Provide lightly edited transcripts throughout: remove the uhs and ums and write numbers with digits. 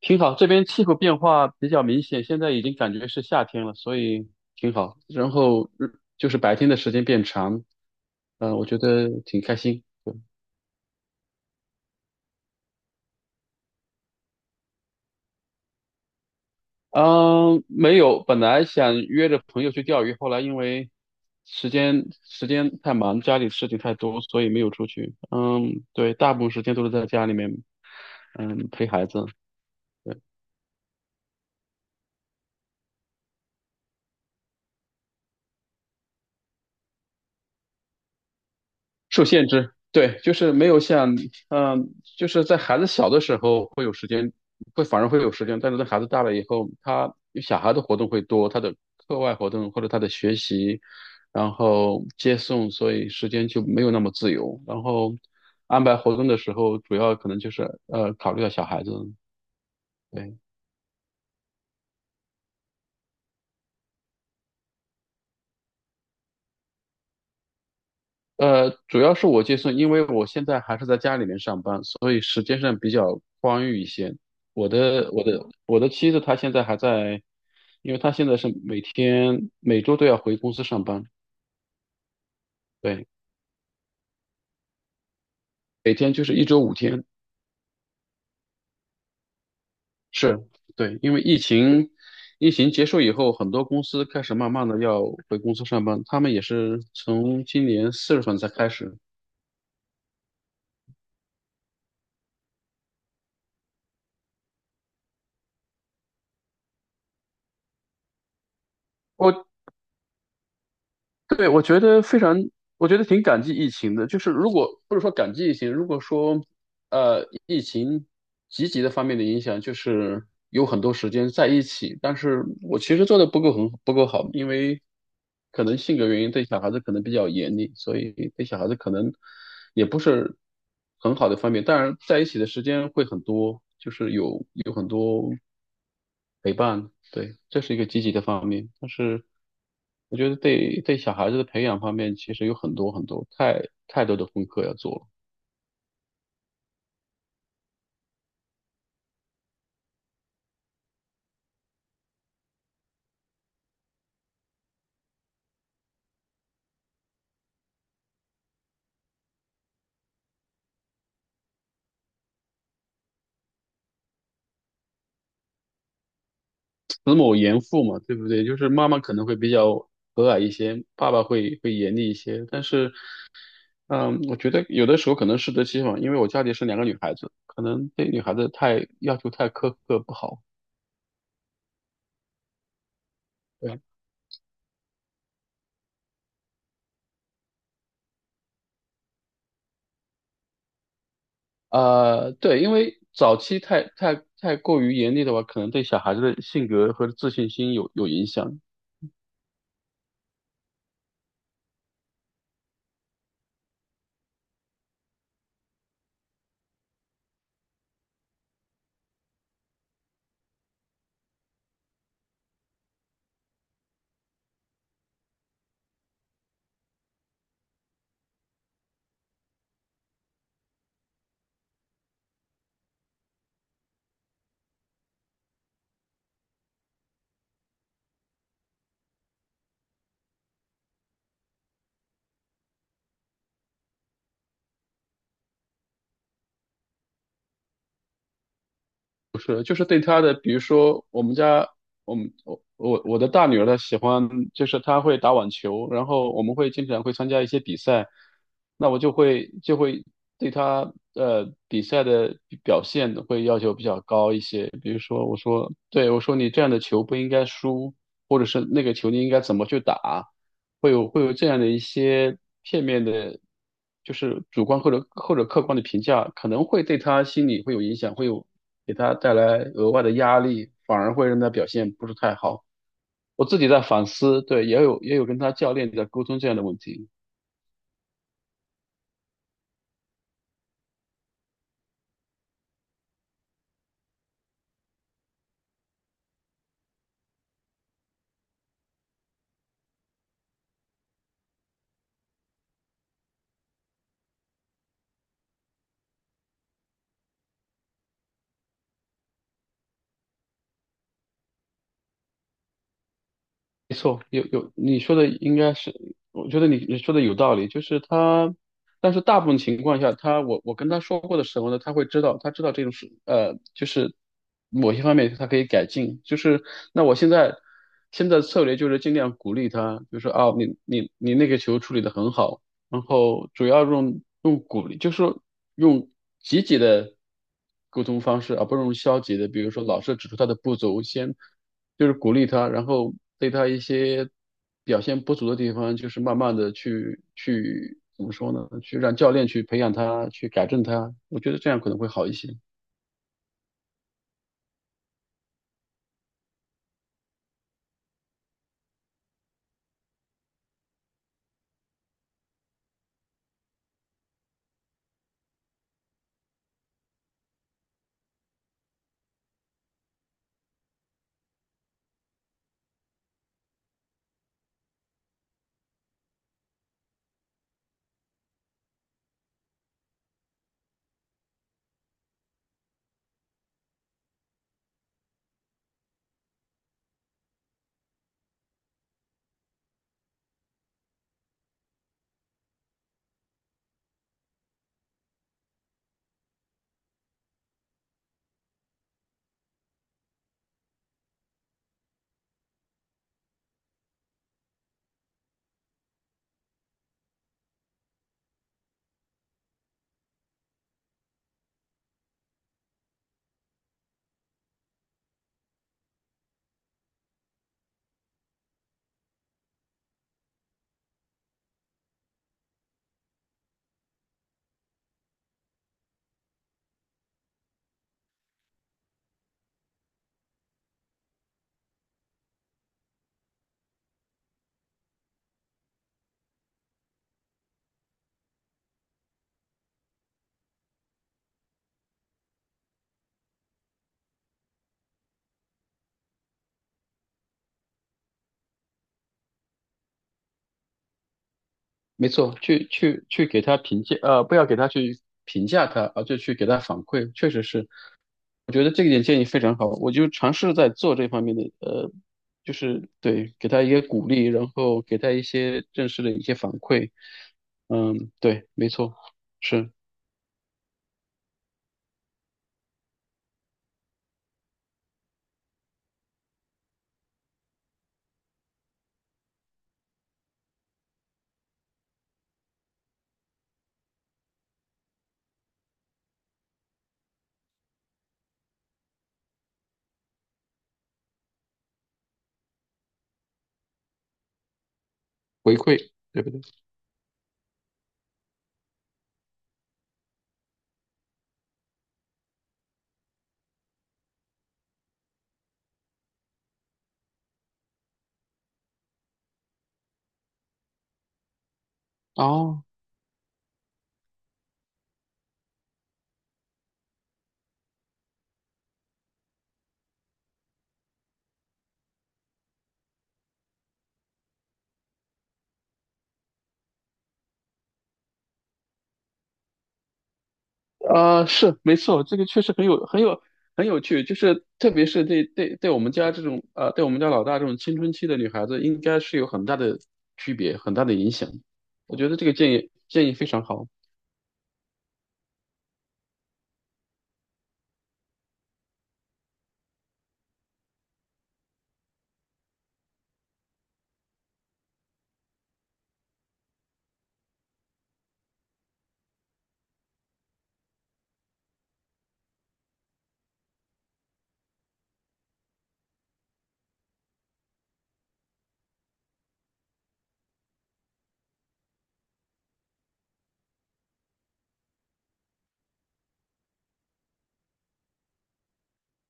挺好，这边气候变化比较明显，现在已经感觉是夏天了，所以挺好。然后日就是白天的时间变长，我觉得挺开心。嗯、没有，本来想约着朋友去钓鱼，后来因为时间太忙，家里事情太多，所以没有出去。嗯，对，大部分时间都是在家里面，嗯，陪孩子。受限制，对，就是没有像，就是在孩子小的时候会有时间，反而会有时间，但是在孩子大了以后，他小孩的活动会多，他的课外活动或者他的学习，然后接送，所以时间就没有那么自由。然后安排活动的时候，主要可能就是考虑到小孩子，对。呃，主要是我接送，因为我现在还是在家里面上班，所以时间上比较宽裕一些。我的妻子她现在还在，因为她现在是每天每周都要回公司上班，对，每天就是一周五天，是，对，因为疫情结束以后，很多公司开始慢慢的要回公司上班，他们也是从今年四月份才开始。我对，我觉得非常，我觉得挺感激疫情的。就是如果不是说感激疫情，如果说疫情积极的方面的影响，就是有很多时间在一起，但是我其实做的不够很不够好，因为可能性格原因对小孩子可能比较严厉，所以对小孩子可能也不是很好的方面。当然，在一起的时间会很多，就是有很多。陪伴，对，这是一个积极的方面。但是我觉得对小孩子的培养方面，其实有很多太多的功课要做了。慈母严父嘛，对不对？就是妈妈可能会比较和蔼一些，爸爸会严厉一些。但是，嗯，我觉得有的时候可能适得其反，因为我家里是两个女孩子，可能对女孩子太要求太苛刻不好。对。呃，对，因为早期太过于严厉的话，可能对小孩子的性格和自信心有影响。不是，就是对他的，比如说我们家，我们我我我的大女儿她喜欢，就是她会打网球，然后我们会经常会参加一些比赛，那我就会对她比赛的表现会要求比较高一些，比如说我说你这样的球不应该输，或者是那个球你应该怎么去打，会有这样的一些片面的，就是主观或者客观的评价，可能会对他心理会有影响，会有给他带来额外的压力，反而会让他表现不是太好。我自己在反思，对，也有跟他教练在沟通这样的问题。没错，有你说的应该是，我觉得你说的有道理，就是他，但是大部分情况下，他我跟他说过的时候呢，他会知道，他知道这种事，呃，就是某些方面他可以改进，就是那我现在。现在策略就是尽量鼓励他，就说啊，你那个球处理得很好，然后主要用鼓励，就是说用积极的沟通方式，而不是用消极的。比如说，老师指出他的不足，先就是鼓励他，然后对他一些表现不足的地方，就是慢慢的去怎么说呢？去让教练去培养他，去改正他。我觉得这样可能会好一些。没错，去给他评价，呃，不要给他去评价他，而就去给他反馈，确实是。我觉得这一点建议非常好，我就尝试在做这方面的，呃，就是对，给他一些鼓励，然后给他一些正式的一些反馈，嗯，对，没错，是回馈，对不对？哦，是没错，这个确实很有趣，就是特别是对我们家这种呃，对我们家老大这种青春期的女孩子，应该是有很大的区别，很大的影响。我觉得这个建议非常好。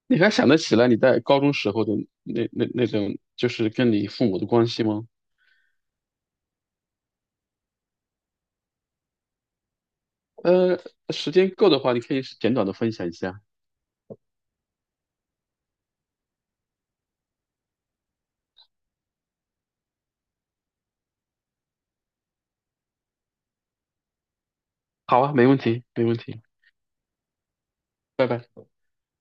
你还想得起来你在高中时候的那种，就是跟你父母的关系吗？呃，时间够的话，你可以简短的分享一下。好啊，没问题，没问题，拜拜。